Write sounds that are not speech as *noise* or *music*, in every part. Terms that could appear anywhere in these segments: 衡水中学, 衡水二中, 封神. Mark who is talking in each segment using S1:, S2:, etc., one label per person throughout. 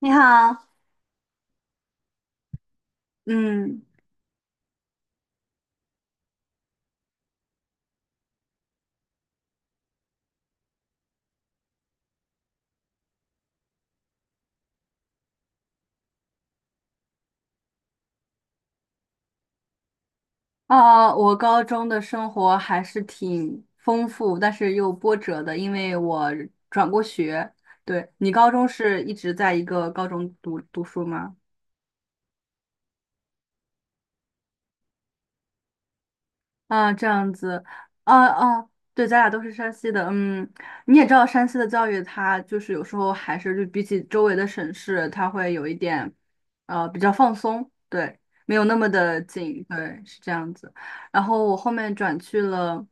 S1: 你好，嗯，我高中的生活还是挺丰富，但是又波折的，因为我转过学。对，你高中是一直在一个高中读读书吗？啊，这样子，啊啊，对，咱俩都是山西的，嗯，你也知道山西的教育，它就是有时候还是就比起周围的省市，它会有一点，比较放松，对，没有那么的紧，对，是这样子。然后我后面转去了。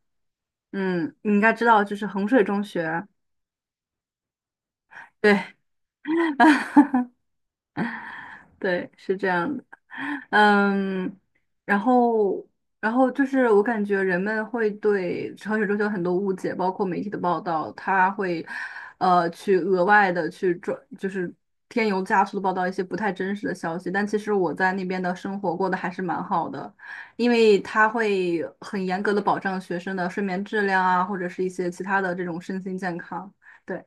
S1: 嗯，你应该知道，就是衡水中学，对， *laughs* 对，是这样的，嗯，然后然后就是我感觉人们会对衡水中学有很多误解，包括媒体的报道，他会去额外的去转，就是添油加醋的报道一些不太真实的消息，但其实我在那边的生活过得还是蛮好的，因为他会很严格的保障学生的睡眠质量啊，或者是一些其他的这种身心健康，对，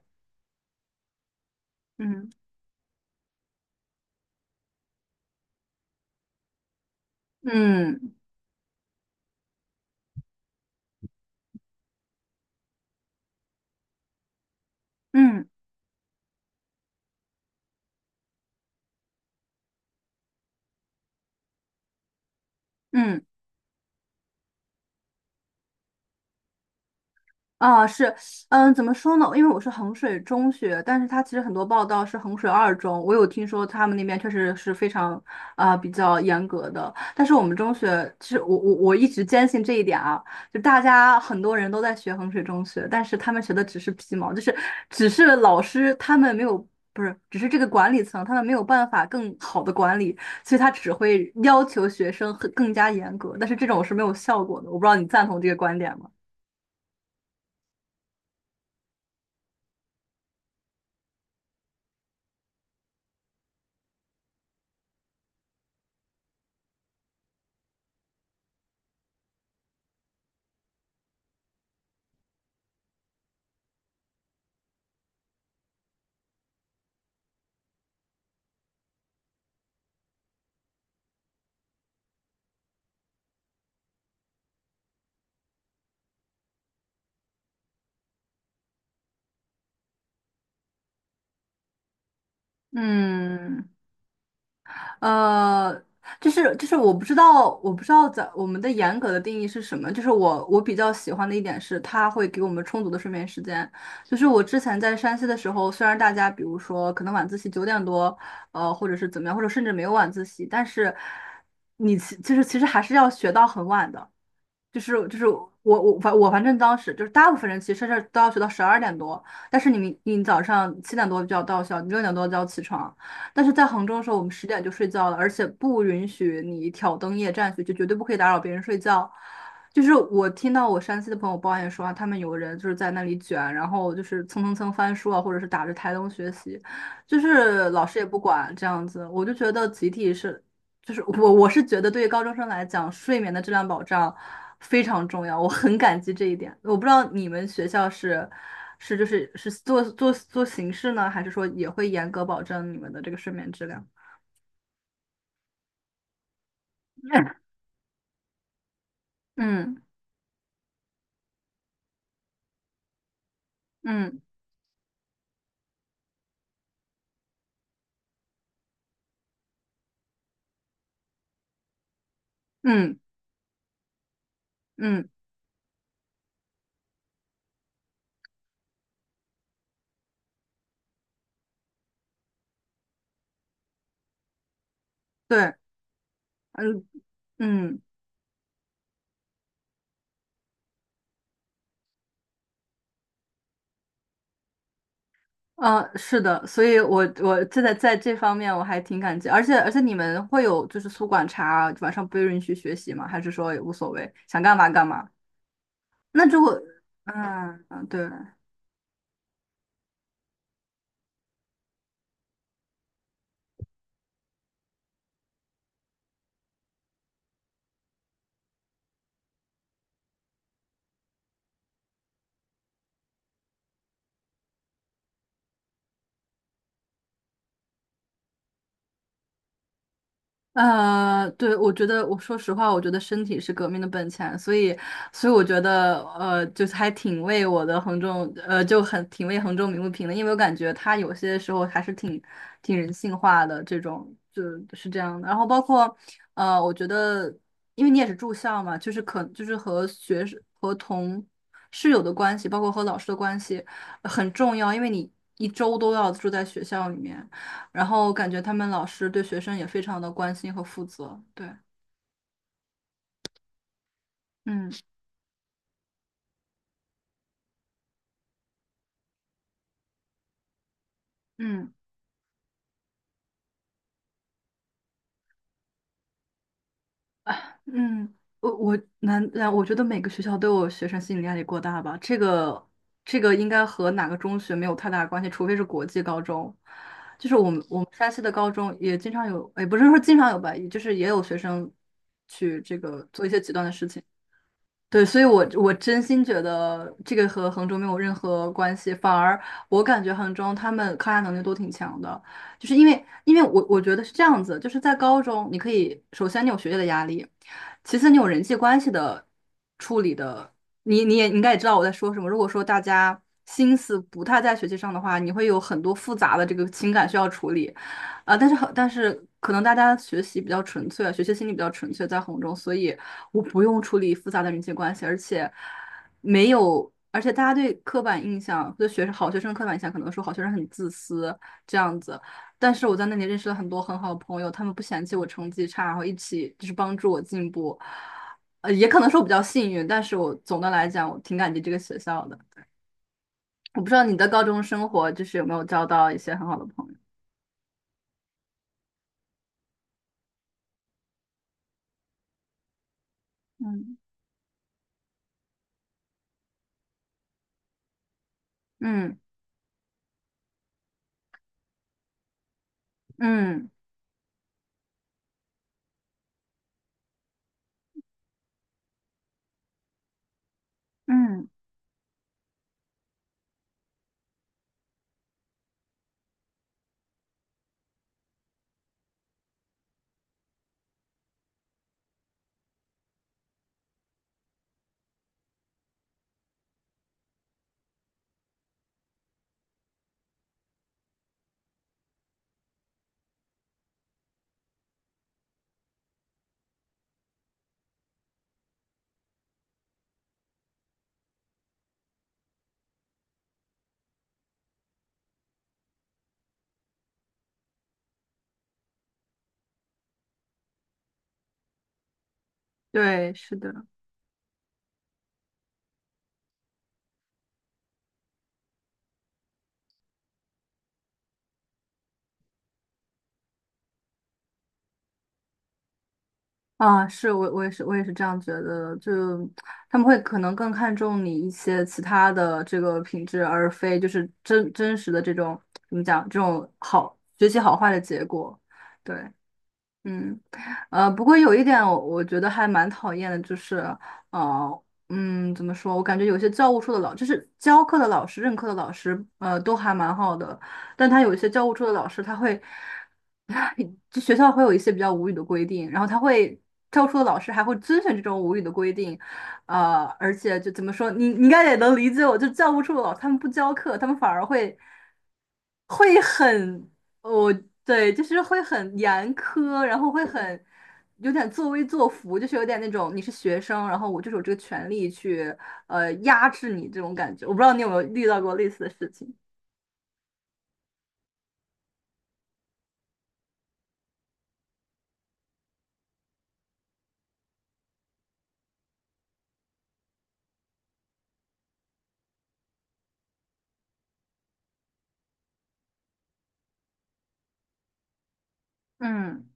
S1: 嗯。嗯嗯嗯，啊，是，嗯，怎么说呢？因为我是衡水中学，但是它其实很多报道是衡水二中，我有听说他们那边确实是非常啊、比较严格的，但是我们中学，其实我一直坚信这一点啊，就大家很多人都在学衡水中学，但是他们学的只是皮毛，就是只是老师他们没有，不是，只是这个管理层他们没有办法更好的管理，所以他只会要求学生更加严格，但是这种是没有效果的，我不知道你赞同这个观点吗？嗯，呃，就是我不知道在我们的严格的定义是什么。就是我比较喜欢的一点是，它会给我们充足的睡眠时间。就是我之前在山西的时候，虽然大家比如说可能晚自习9点多，或者是怎么样，或者甚至没有晚自习，但是你其实还是要学到很晚的。就是我反正当时就是大部分人其实是都要学到12点多，但是你早上7点多就要到校，你6点多就要起床。但是在杭州的时候，我们10点就睡觉了，而且不允许你挑灯夜战去，就绝对不可以打扰别人睡觉。就是我听到我山西的朋友抱怨说啊他们有人就是在那里卷，然后就是蹭蹭蹭翻书啊，或者是打着台灯学习，就是老师也不管这样子，我就觉得集体是就是我是觉得对于高中生来讲，睡眠的质量保障非常重要，我很感激这一点。我不知道你们学校是是做形式呢，还是说也会严格保证你们的这个睡眠质量？嗯嗯嗯嗯，对，嗯嗯，是的，所以我这在这方面我还挺感激，而且你们会有就是宿管查，晚上不允许学习吗？还是说也无所谓，想干嘛干嘛？那如果嗯嗯对。对，我觉得，我说实话，我觉得身体是革命的本钱，所以，所以我觉得，就是还挺为我的衡中，就很挺为衡中鸣不平的，因为我感觉他有些时候还是挺人性化的，这种就是这样的。然后包括，我觉得，因为你也是住校嘛，就是和学生和同室友的关系，包括和老师的关系很重要，因为你一周都要住在学校里面。然后感觉他们老师对学生也非常的关心和负责。对，嗯嗯啊嗯，我难，啊我觉得每个学校都有学生心理压力过大吧，这个应该和哪个中学没有太大关系，除非是国际高中。就是我们山西的高中也经常有，也不是说经常有吧，也就是也有学生去这个做一些极端的事情。对，所以我真心觉得这个和衡中没有任何关系，反而我感觉衡中他们抗压能力都挺强的，就是因为我觉得是这样子，就是在高中，你可以首先你有学业的压力，其次你有人际关系的处理的，你应该也知道我在说什么。如果说大家心思不太在学习上的话，你会有很多复杂的这个情感需要处理，啊，但是可能大家学习比较纯粹，学习心理比较纯粹，在红中，所以我不用处理复杂的人际关系，而且没有，而且大家对刻板印象，对学生好学生的刻板印象，可能说好学生很自私这样子。但是我在那里认识了很多很好的朋友，他们不嫌弃我成绩差，然后一起就是帮助我进步。也可能说我比较幸运，但是我总的来讲，我挺感激这个学校的。我不知道你的高中生活就是有没有交到一些很好的朋友？嗯嗯嗯。嗯，对，是的，啊，是我也是这样觉得的，就他们会可能更看重你一些其他的这个品质，而非就是真实的这种怎么讲这种好学习好坏的结果，对。嗯，不过有一点我觉得还蛮讨厌的，就是，呃，嗯，怎么说？我感觉有些教务处的就是教课的老师、任课的老师，都还蛮好的，但他有一些教务处的老师，他会，*laughs* 就学校会有一些比较无语的规定，然后他会，教务处的老师还会遵循这种无语的规定，而且就怎么说，你应该也能理解我，就教务处的老师他们不教课，他们反而会。会很哦，对，就是会很严苛，然后会很有点作威作福，就是有点那种你是学生，然后我就是有这个权利去压制你这种感觉。我不知道你有没有遇到过类似的事情。嗯，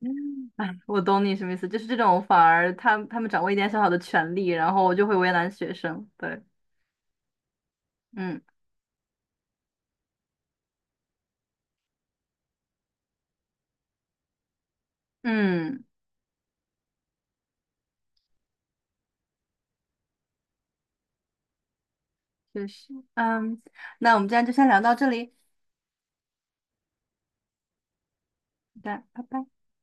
S1: *laughs* 我懂你什么意思，就是这种反而他们掌握一点小小的权利，然后就会为难学生。对，嗯嗯，确实，嗯，那我们今天就先聊到这里，好的，拜拜。